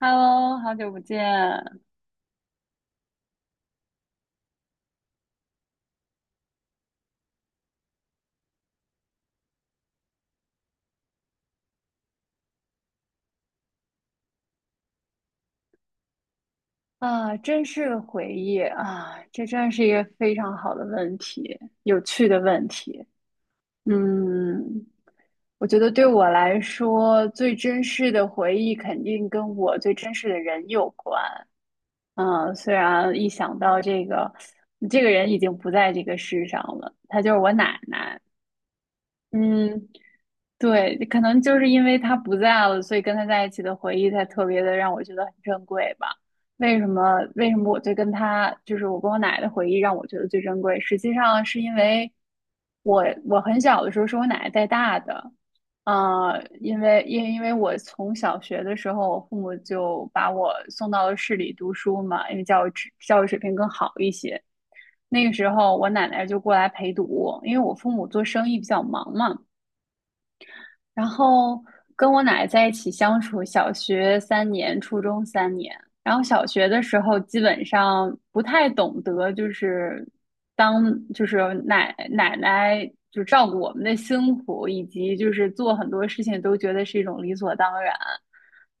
Hello,好久不见。啊，真是个回忆啊！这真是一个非常好的问题，有趣的问题。嗯，我觉得对我来说，最真实的回忆肯定跟我最真实的人有关。嗯，虽然一想到这个，这个人已经不在这个世上了，他就是我奶奶。嗯，对，可能就是因为他不在了，所以跟他在一起的回忆才特别的让我觉得很珍贵吧。为什么？为什么我对跟他，就是我跟我奶奶的回忆让我觉得最珍贵？实际上是因为我很小的时候是我奶奶带大的，因为我从小学的时候，我父母就把我送到了市里读书嘛，因为教育水平更好一些。那个时候我奶奶就过来陪读，因为我父母做生意比较忙嘛。然后跟我奶奶在一起相处，小学三年，初中三年。然后小学的时候基本上不太懂得，就是当就是奶奶就照顾我们的辛苦，以及就是做很多事情都觉得是一种理所当然。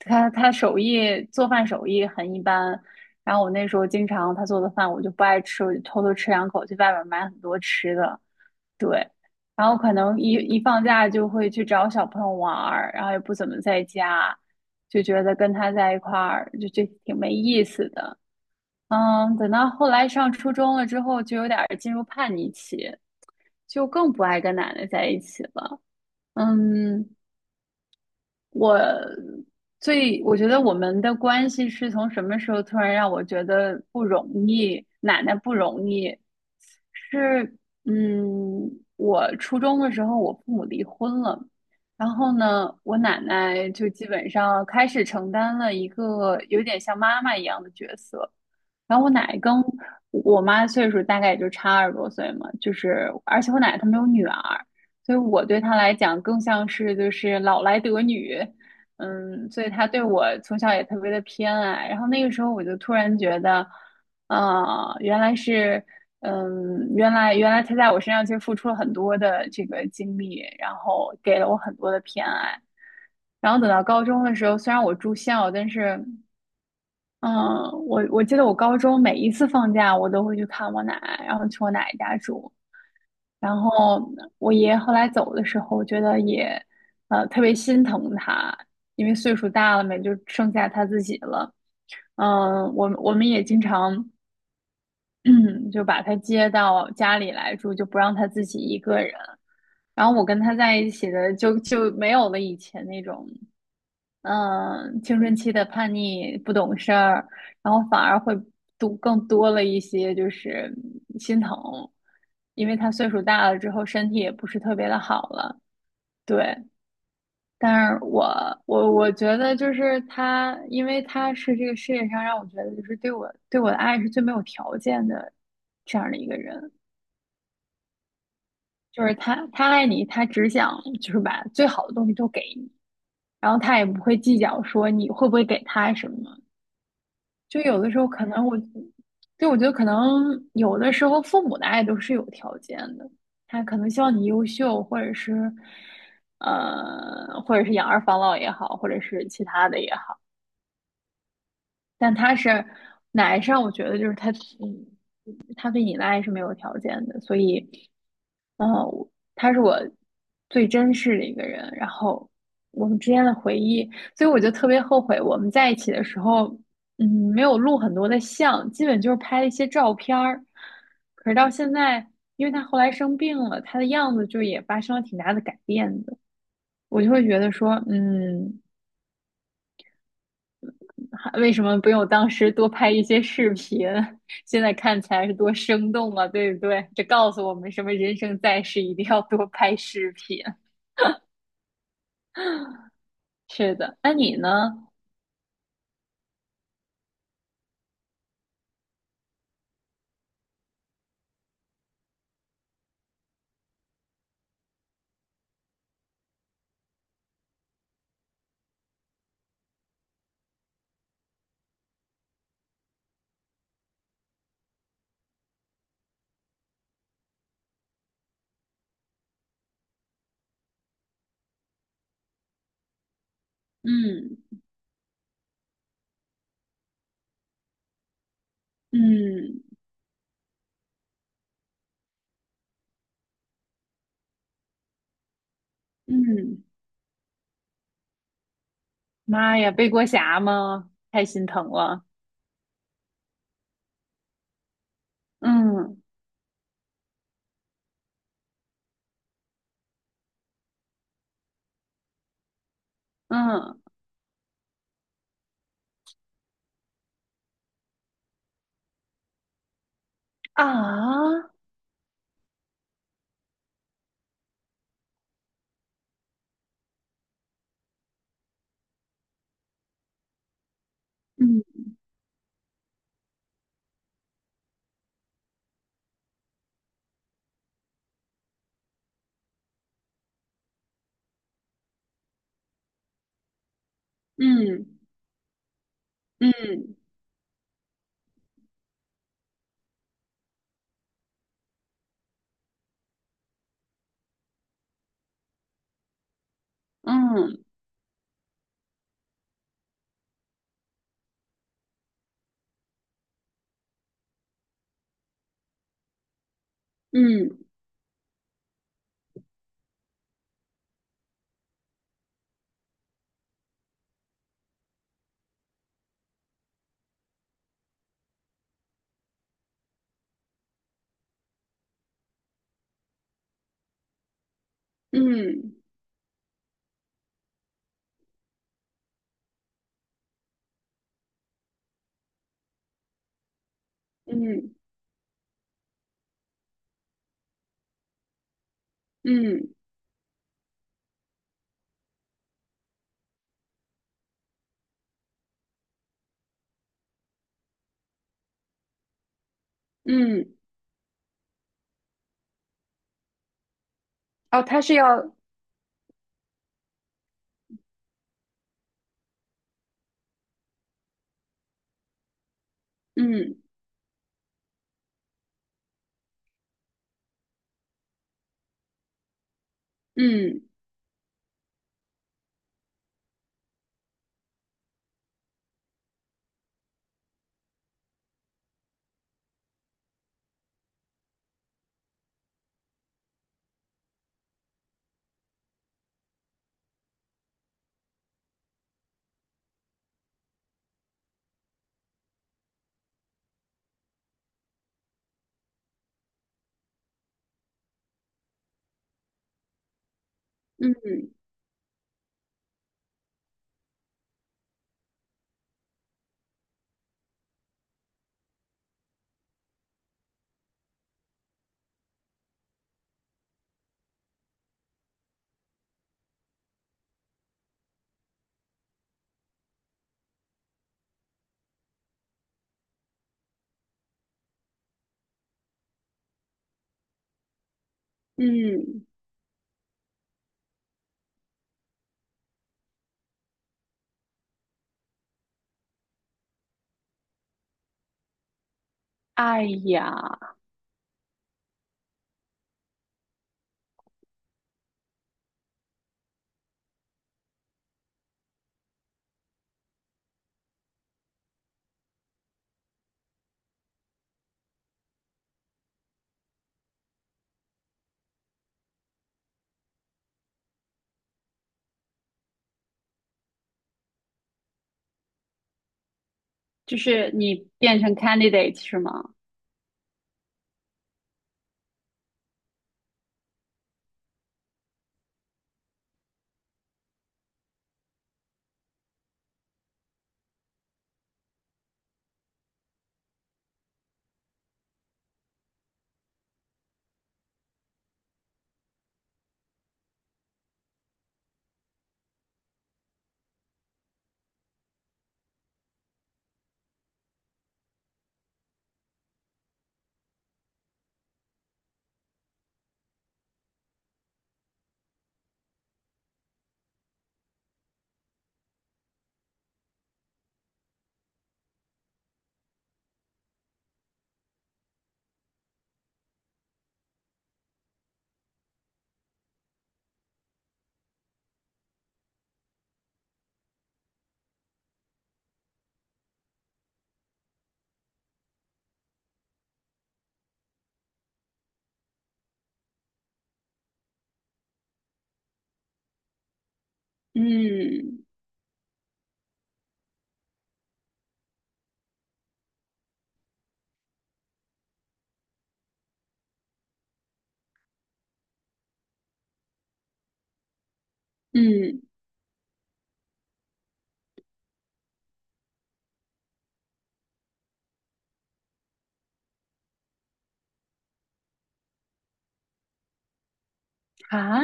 她做饭手艺很一般，然后我那时候经常她做的饭我就不爱吃，我就偷偷吃两口，去外边买很多吃的。然后可能一放假就会去找小朋友玩儿，然后也不怎么在家，就觉得跟他在一块儿就挺没意思的。嗯，等到后来上初中了之后，就有点儿进入叛逆期，就更不爱跟奶奶在一起了。嗯，我我觉得我们的关系是从什么时候突然让我觉得不容易，奶奶不容易，是，嗯，我初中的时候我父母离婚了，然后呢，我奶奶就基本上开始承担了一个有点像妈妈一样的角色，然后我奶跟我妈岁数大概也就差二十多岁嘛，就是而且我奶她没有女儿，所以我对她来讲更像是就是老来得女，嗯，所以她对我从小也特别的偏爱。然后那个时候我就突然觉得，啊，原来是，原来她在我身上其实付出了很多的这个精力，然后给了我很多的偏爱。然后等到高中的时候，虽然我住校，但是嗯，我记得我高中每一次放假，我都会去看我奶，然后去我奶家住。然后我爷后来走的时候，我觉得也，特别心疼他，因为岁数大了嘛，也就剩下他自己了。嗯，我们也经常，就把他接到家里来住，就不让他自己一个人。然后我跟他在一起的就没有了以前那种嗯，青春期的叛逆、不懂事儿，然后反而会更多了一些，就是嗯心疼，因为他岁数大了之后，身体也不是特别的好了。对，但是我觉得就是他，因为他是这个世界上让我觉得就是对我的爱是最没有条件的这样的一个人，就是他爱你，他只想就是把最好的东西都给你，然后他也不会计较说你会不会给他什么。就有的时候可能我，就我觉得可能有的时候父母的爱都是有条件的，他可能希望你优秀，或者是，或者是养儿防老也好，或者是其他的也好。但他是奶上，我觉得就是他，嗯，他对你的爱是没有条件的，所以，他是我最珍视的一个人，然后我们之间的回忆，所以我就特别后悔我们在一起的时候，嗯，没有录很多的像，基本就是拍了一些照片儿。可是到现在，因为他后来生病了，他的样子就也发生了挺大的改变的，我就会觉得说，嗯，为什么不用当时多拍一些视频？现在看起来是多生动啊，对不对？这告诉我们什么？人生在世一定要多拍视频。是的，那你呢？嗯，嗯嗯，妈呀，背锅侠吗？太心疼了。嗯，嗯，啊，嗯，嗯，嗯，嗯，嗯，嗯，嗯，嗯，嗯，嗯哦，他是要嗯，嗯，嗯，嗯，哎呀，就是你变成 candidate 是吗？嗯，嗯，啊，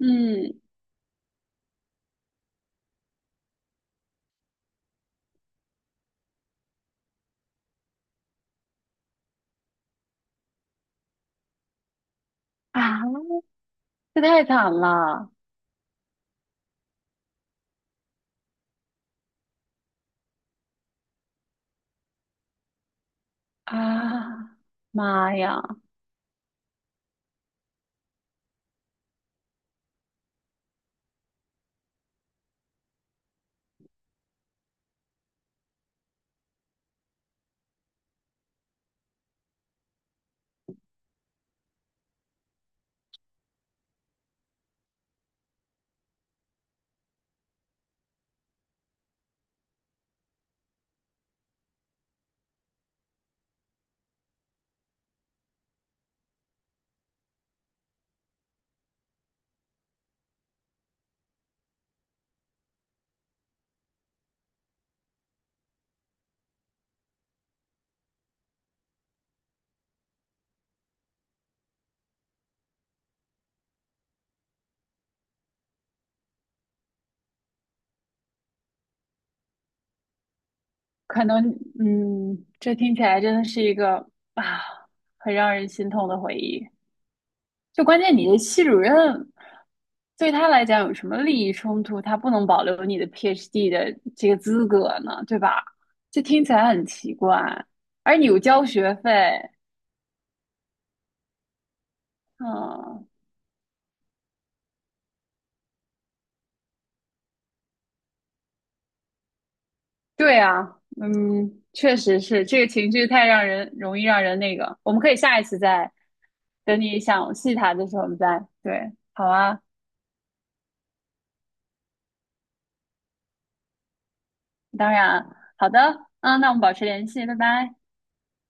嗯，啊，这太惨了！啊！妈呀，可能嗯，这听起来真的是一个啊，很让人心痛的回忆。就关键你的系主任对他来讲有什么利益冲突？他不能保留你的 PhD 的这个资格呢，对吧？这听起来很奇怪，而你又交学费。嗯，对啊，嗯，确实是这个情绪太让人容易让人那个。我们可以下一次再，等你想细谈的时候，我们再，对，好啊，当然啊，好的，嗯，那我们保持联系，拜拜。